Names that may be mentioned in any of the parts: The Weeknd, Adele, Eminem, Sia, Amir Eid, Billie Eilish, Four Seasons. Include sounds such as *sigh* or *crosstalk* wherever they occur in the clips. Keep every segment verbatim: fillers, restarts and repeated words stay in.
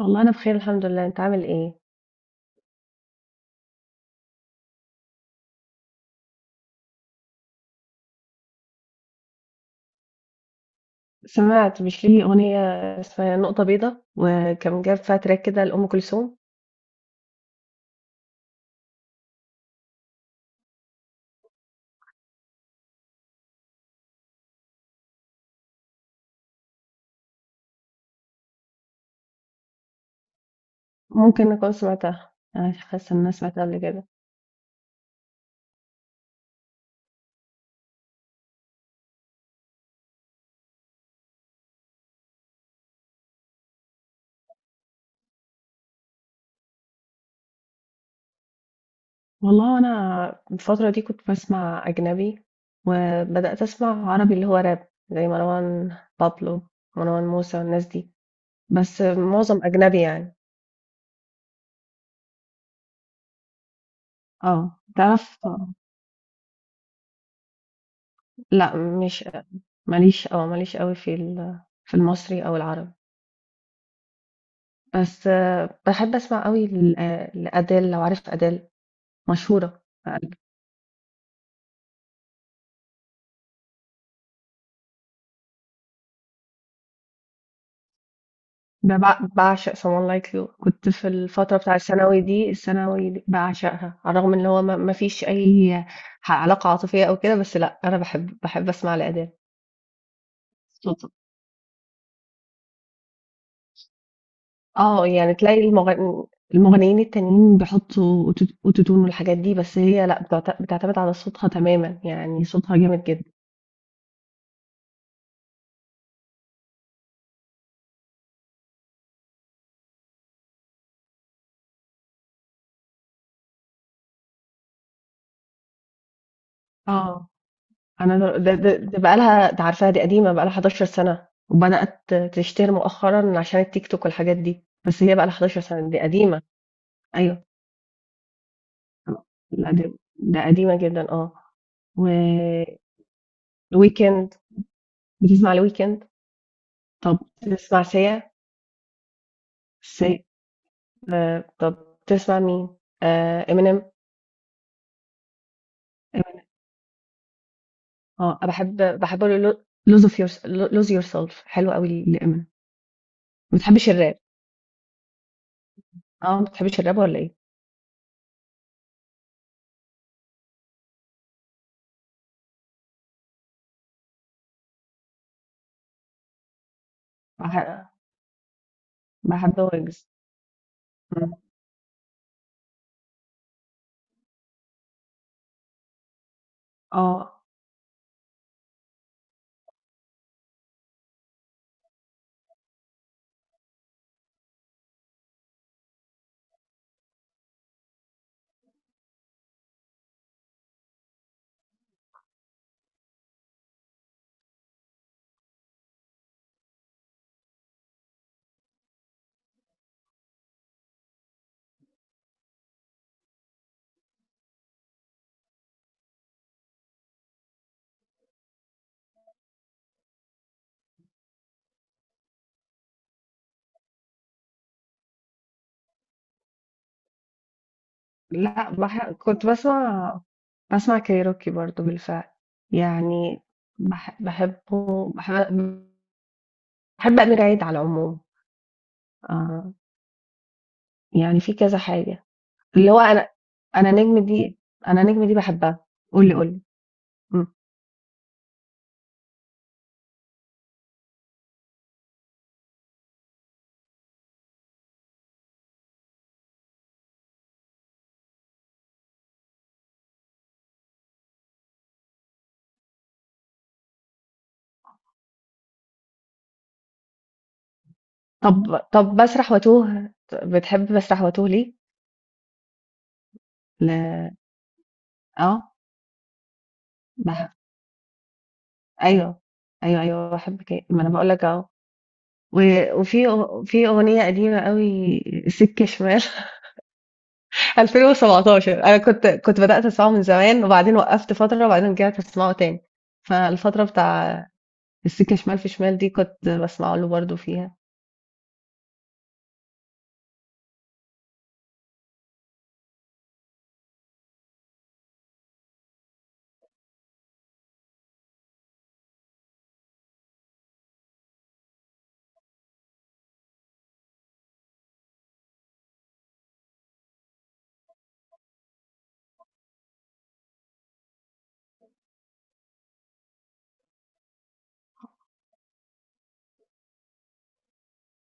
والله أنا بخير الحمد لله، أنت عامل إيه؟ سمعت، مش ليه أغنية اسمها نقطة بيضة وكان جاب فيها تراك كده لأم كلثوم؟ ممكن أكون سمعتها، أنا حاسة إن أنا سمعتها قبل كده. والله أنا الفترة دي كنت بسمع أجنبي، وبدأت أسمع عربي اللي هو راب زي مروان بابلو، مروان موسى والناس دي. بس معظم أجنبي يعني. اه تعرف. لا، مش، ماليش، اه ماليش قوي في ال- في المصري أو العربي. بس باحب أسمع أوي ل لأديل لو عارف أديل. مشهورة، ب باع باعشق Someone Like You. كنت في الفترة بتاع الثانوي دي الثانوي دي باعشقها، على الرغم إن هو ما ما فيش أي ح علاقة عاطفية أو كده، بس لأ أنا باحب باحب أسمع لأديل. صوتها آه، يعني تلاقي المغن المغنيين التانيين بيحطوا أوتو أوتوتون والحاجات دي، بس هي لأ بتعت بتعتمد على صوتها تمامًا، يعني صوتها جامد جدًا. آه. أنا ده ده ده بقى لها، ده عارفاها دي قديمة، بقى لها حداشر سنة وبدأت تشتهر مؤخرا عشان التيك توك والحاجات دي. بس هي بقى لها حداشر سنة، دي قديمة. أيوه. لا ده، ده قديمة جدا اه. وويكند، بتسمع الويكند؟ طب بتسمع سيا؟ سيا. طب بتسمع مين؟ آه امينيم. اه بحب بحب له، لوز اوف يور، لوز يور سيلف، حلو قوي لامينيم. ما بتحبش الراب؟ اه، ما بتحبش الراب ولا ايه؟ بح- بحب ويجز. اه لأ، بح كنت باسمع، باسمع كايروكي برضه بالفعل، يعني باح باحبه باح باحب أمير عيد على العموم، آه، يعني في كذا حاجة، اللي هو أنا، أنا نجم دي أنا نجم دي باحبها، قُل لي قُل لي، إمم، طب طب باسرح واتوه، بتحب باسرح واتوه ليه؟ ل آه، باح أيوه، أيوه، أيوه باحب ك، ما أنا باقول لك أهو، و وفي أغ في أغنية قديمة أوي سِكة شمال *laughs* ألفين وسبعتاشر. أنا كنت كنت بدأت أسمعه من زمان وبعدين وقفت فترة وبعدين رجعت أسمعه تاني. فالفترة بتاع السكة شمال، في شمال دي كنت بسمعه له برضه فيها.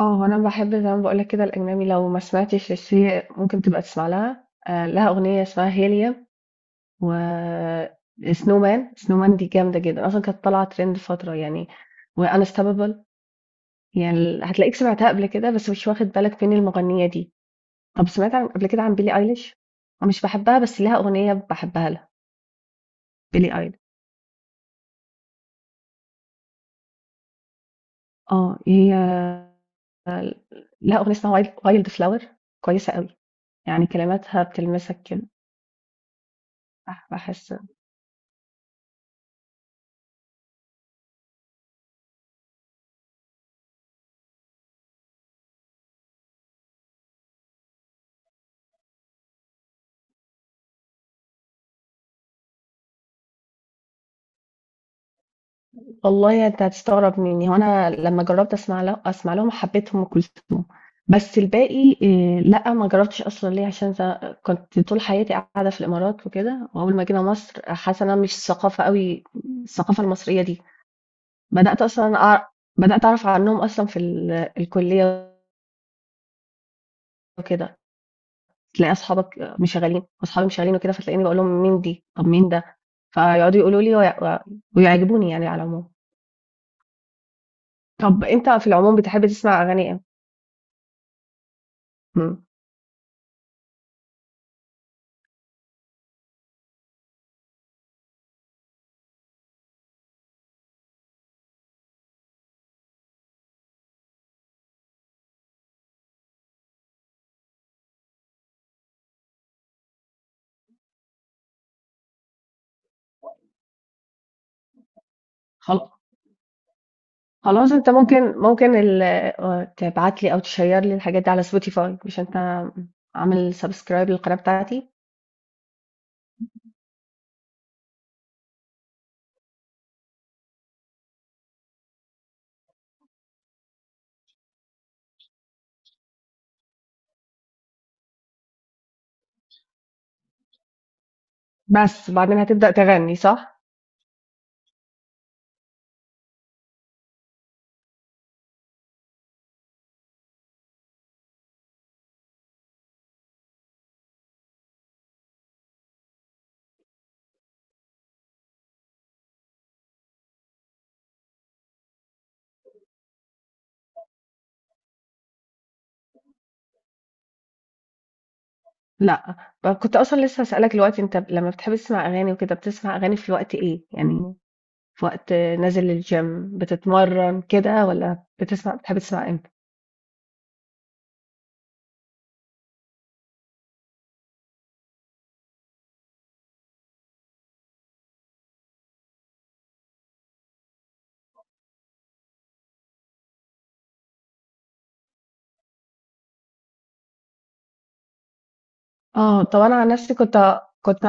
اه أنا بحب زي ما بقولك كده الأجنبي، لو ما سمعتش الشيء ممكن تبقى تسمع لها آه، لها أغنية اسمها هيليا و سنو مان سنو مان دي جامدة جدا، أصلا كانت طالعة ترند فترة يعني. وانستاببل، يعني هتلاقيك سمعتها قبل كده بس مش واخد بالك مين المغنية دي. طب سمعت عن قبل كده عن billie eilish؟ مش باحبها بس ليها أغنية باحبها لها. بيلي ايل آه هي لها أغنية اسمها wild wild flower، كويسة أوي، يعني كلماتها بتلمسك كده. بح- بحس والله انت هتستغرب مني، هو انا لما جربت اسمع له، اسمع لهم، حبيتهم وكلثوم. بس الباقي إيه، لا ما جربتش اصلا. ليه؟ عشان ز- كنت طول حياتي قاعده في الامارات وكده، واول ما جينا مصر حاسه إن انا مش ثقافه قوي الثقافه المصريه دي. بدأت أصلًا أع بدأت أعرف عنّهم أصلًا في ال الكُلّية وكده، تلاقي أصحابك مشغّلين وأصحابي مشغّلين وكده، فتلاقيني باقول لهم مين دي؟ طَب مين ده؟ فيقعدوا يقولوا لي وي و ويعجبوني يعني على العموم. طَب أنت في العموم بتحب تسمع أغاني إمتى؟ إمم، خل خلاص أنت ممكن، ممكن ال آه، تبعت لي أو تشيّر لي الحاجات دي على spotify؟ مش أنت عامل subscribe للقناة بتاعتي؟ بس، وبعدين هتبدأ تغني صح؟ لأ، ب كنت أصلًا لسه هاسألك دلوقتي، أنت ب لمّا بتحب تسمع أغاني وكده، بتسمع أغاني في وقت إيه؟ يعني في وقت نازل الgym بتتمرّن كده، والّا بتسمع، بتحب تسمع إمتى؟ آه، طب أنا عن نفسي كنت كنت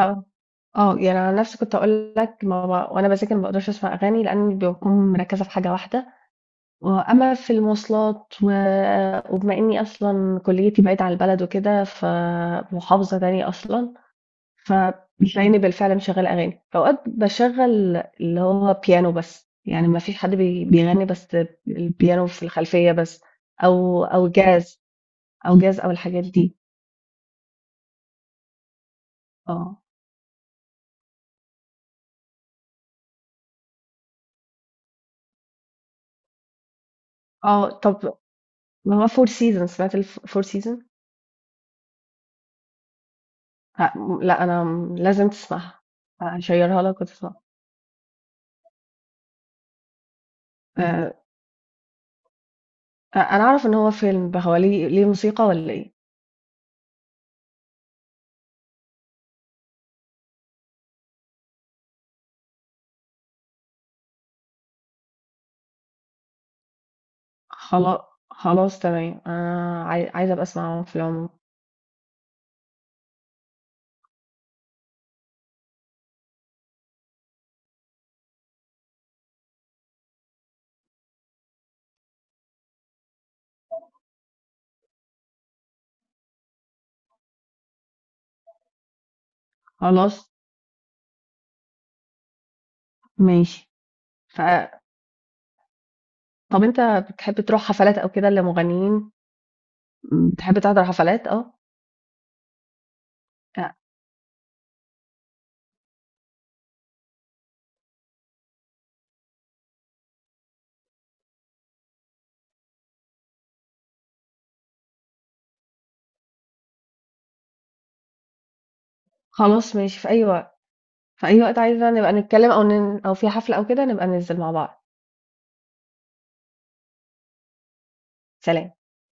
آه، يعني عن نفسي كنت هاقول لك، ما ب وأنا باذاكر ما باقدرش أسمع أغاني لإنّي باكون مركّزة في حاجة واحدة، وأمّا في المواصلات و وبما إنّي أصلًا كُلّيتي بعيدة عن البلد وكده، فمحافظة تانية أصلًا، فتلاقيني بالفعل مشغّلة أغاني، أوقات باشغّل اللي هو بيانو بس، يعني ما فيش حد بي بيغنّي بس، البيانو في الخلفية بس، أو أو jazz أو jazz أو الحاجات دي، آه، آه، طب ما هو Four Seasons، سمعت الف Four Seasons؟ لأ، لأ أنا م- لازم تسمعها، هاشيّرها لك وتسمعها، آآ، أنا أعرف إن هو فيلم، هو ليه، ليه موسيقى والّا إيه؟ خلا خلاص تمام، أنا عاي عايزة أبقى أسمعه في العموم، خلاص ماشي، ف طب أنت بتحب تروح حفلات أو كده لمغنيين؟ امم، بتحب تحضر حفلات؟ آه، آه، خلاص ماشي في أي وقت، في أي وقت عايزة نبقى نتكلم أو ن أو في حفلة أو كده نبقى ننزل مع بعض، سلام.